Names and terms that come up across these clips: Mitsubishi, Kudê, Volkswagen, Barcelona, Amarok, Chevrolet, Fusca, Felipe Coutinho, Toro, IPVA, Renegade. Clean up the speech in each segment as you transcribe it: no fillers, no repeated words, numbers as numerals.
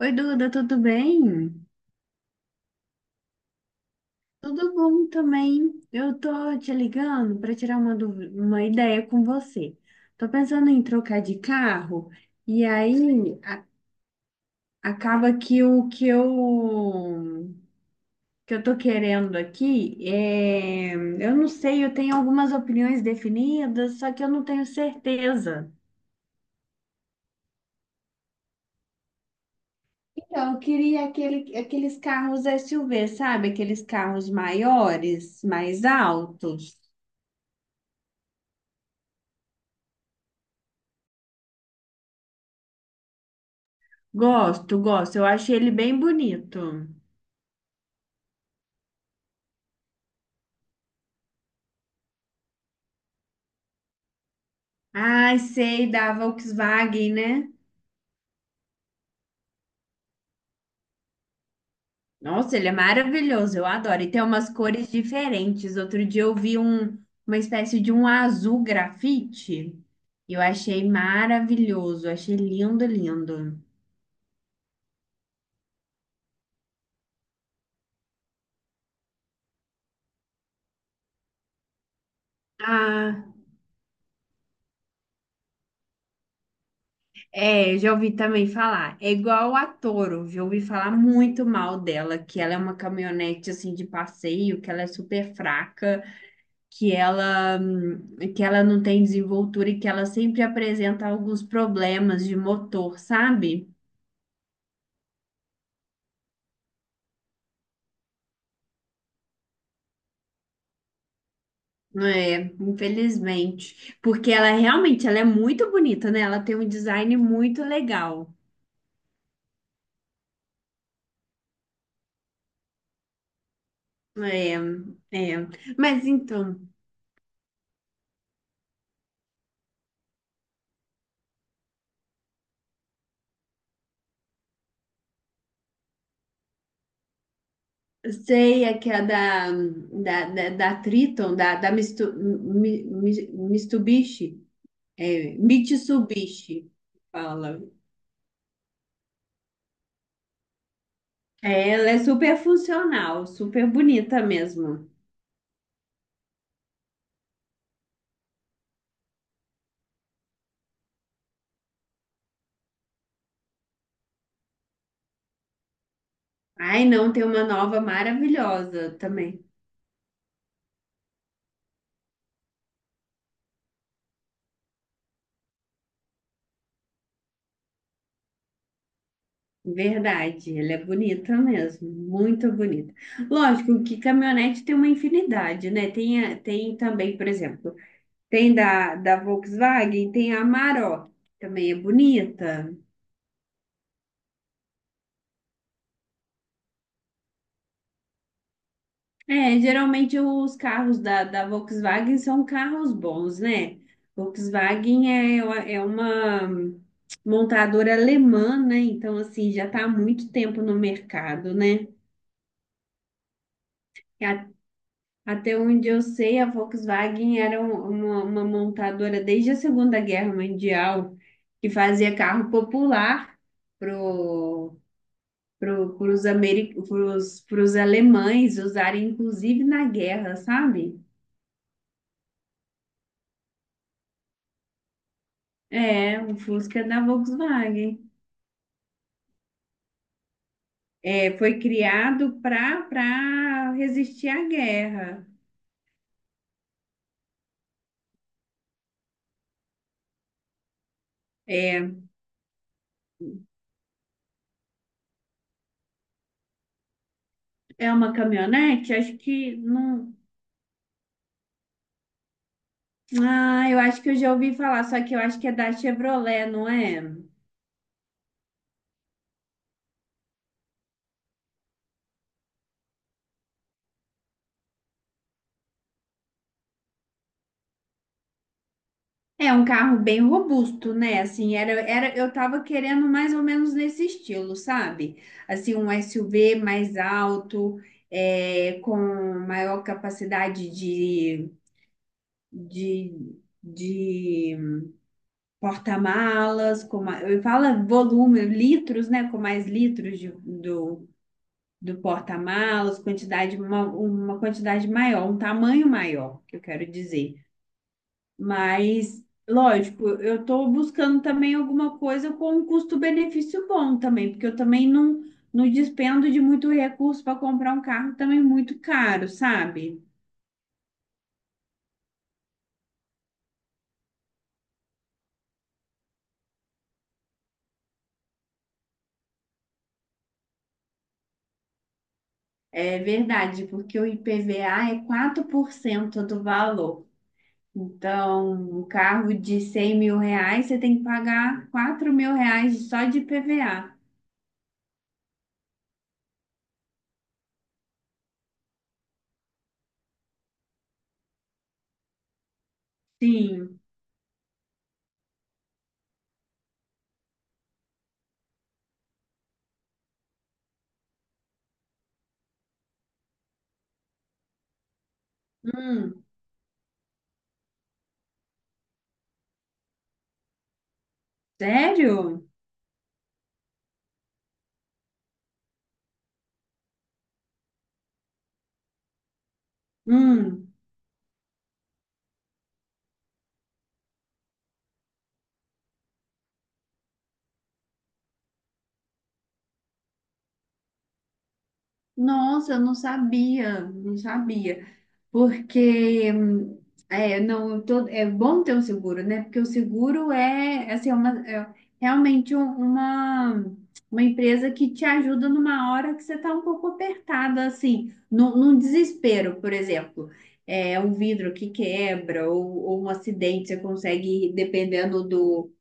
Oi, Duda, tudo bem? Tudo bom também. Eu tô te ligando para tirar uma ideia com você. Tô pensando em trocar de carro e aí acaba que o que eu tô querendo aqui é, eu não sei, eu tenho algumas opiniões definidas, só que eu não tenho certeza. Então, eu queria aqueles carros SUV, sabe? Aqueles carros maiores, mais altos. Gosto, gosto. Eu achei ele bem bonito. Ai, sei, da Volkswagen, né? Nossa, ele é maravilhoso, eu adoro. E tem umas cores diferentes. Outro dia eu vi uma espécie de um azul grafite. Eu achei maravilhoso, achei lindo, lindo. Ah, é, já ouvi também falar. É igual a Toro, já ouvi falar muito mal dela, que ela é uma caminhonete assim de passeio, que ela é super fraca. que ela que ela não tem desenvoltura e que ela sempre apresenta alguns problemas de motor, sabe? É, infelizmente, porque ela realmente ela é muito bonita, né? Ela tem um design muito legal. É, é. Mas então, sei é que é da Triton, da Mistu, Mitsubishi, é, Mitsubishi, fala. É, ela é super funcional, super bonita mesmo. Ai, não, tem uma nova maravilhosa também. Verdade, ela é bonita mesmo, muito bonita. Lógico que caminhonete tem uma infinidade, né? Tem também, por exemplo, tem da Volkswagen, tem a Amarok, que também é bonita. É, geralmente os carros da Volkswagen são carros bons, né? Volkswagen é uma montadora alemã, né? Então, assim, já está há muito tempo no mercado, né? Até onde eu sei, a Volkswagen era uma montadora desde a Segunda Guerra Mundial que fazia carro popular pro, pros alemães usarem, inclusive na guerra, sabe? É, o Fusca da Volkswagen. É, foi criado para resistir à guerra. É, é uma caminhonete? Acho que não. Ah, eu acho que eu já ouvi falar, só que eu acho que é da Chevrolet, não é? É um carro bem robusto, né? Assim, era, eu tava querendo mais ou menos nesse estilo, sabe? Assim, um SUV mais alto, é, com maior capacidade de porta-malas, eu falo volume, litros, né? Com mais litros do porta-malas, quantidade, uma quantidade maior, um tamanho maior, que eu quero dizer. Mas, lógico, eu estou buscando também alguma coisa com um custo-benefício bom também, porque eu também não despendo de muito recurso para comprar um carro também muito caro, sabe? É verdade, porque o IPVA é 4% do valor. Então, um carro de 100 mil reais, você tem que pagar 4 mil reais só de IPVA. Sim. Hum, sério? Hum. Nossa, eu não sabia, não sabia. Porque é, não, todo, é bom ter o seguro, né? Porque o seguro é, assim, é realmente uma empresa que te ajuda numa hora que você está um pouco apertada, assim, num desespero, por exemplo. É um vidro que quebra ou um acidente, você consegue, dependendo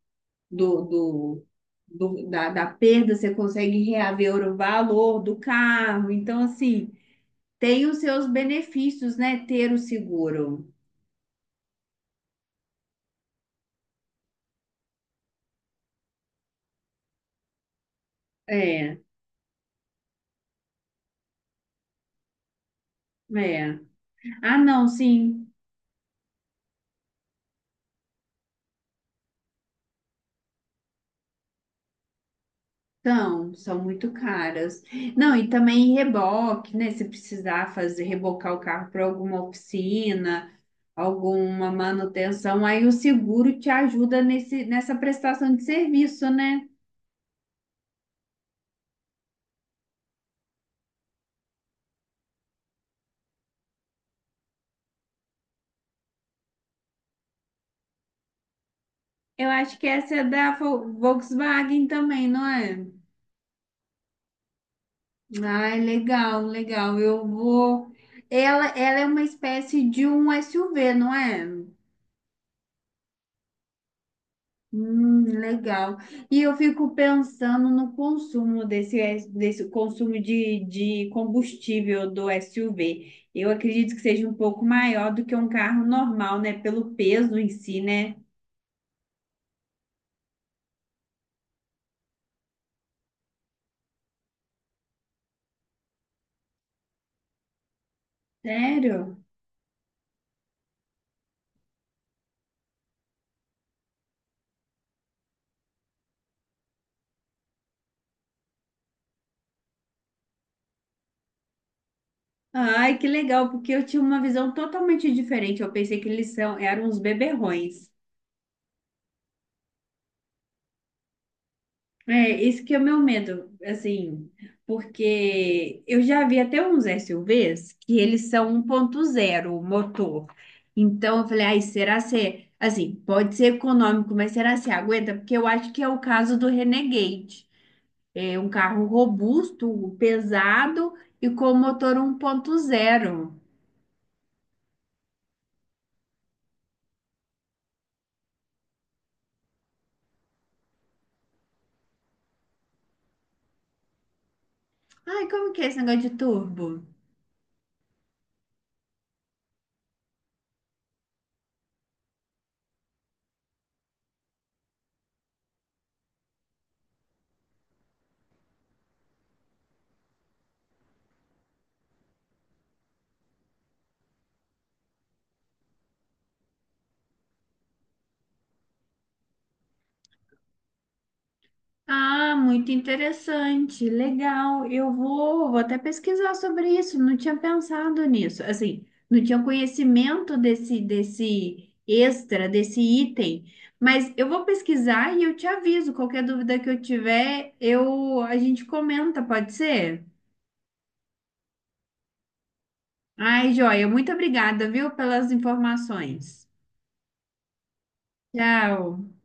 do, do- da perda, você consegue reaver o valor do carro. Então, assim. Tem os seus benefícios, né? Ter o seguro. É, é. Ah, não, sim. São muito caras. Não, e também reboque, né? Se precisar fazer, rebocar o carro para alguma oficina, alguma manutenção, aí o seguro te ajuda nesse, nessa prestação de serviço, né? Eu acho que essa é da Volkswagen também, não é? Ah, legal, legal. Eu vou. Ela é uma espécie de um SUV, não é? Legal. E eu fico pensando no consumo desse consumo de combustível do SUV. Eu acredito que seja um pouco maior do que um carro normal, né? Pelo peso em si, né? Sério? Ai, que legal, porque eu tinha uma visão totalmente diferente. Eu pensei que eles são, eram uns beberrões. É, isso que é o meu medo, assim, porque eu já vi até uns SUVs que eles são 1.0 motor. Então eu falei, ai, será se, assim, pode ser econômico, mas será se aguenta? Porque eu acho que é o caso do Renegade. É um carro robusto, pesado e com motor 1.0. Ai, como que é esse negócio de turbo? Ah, muito interessante, legal. Eu vou até pesquisar sobre isso. Não tinha pensado nisso. Assim, não tinha conhecimento desse extra, desse item. Mas eu vou pesquisar e eu te aviso. Qualquer dúvida que eu tiver, eu a gente comenta, pode ser? Ai, joia, muito obrigada, viu, pelas informações. Tchau.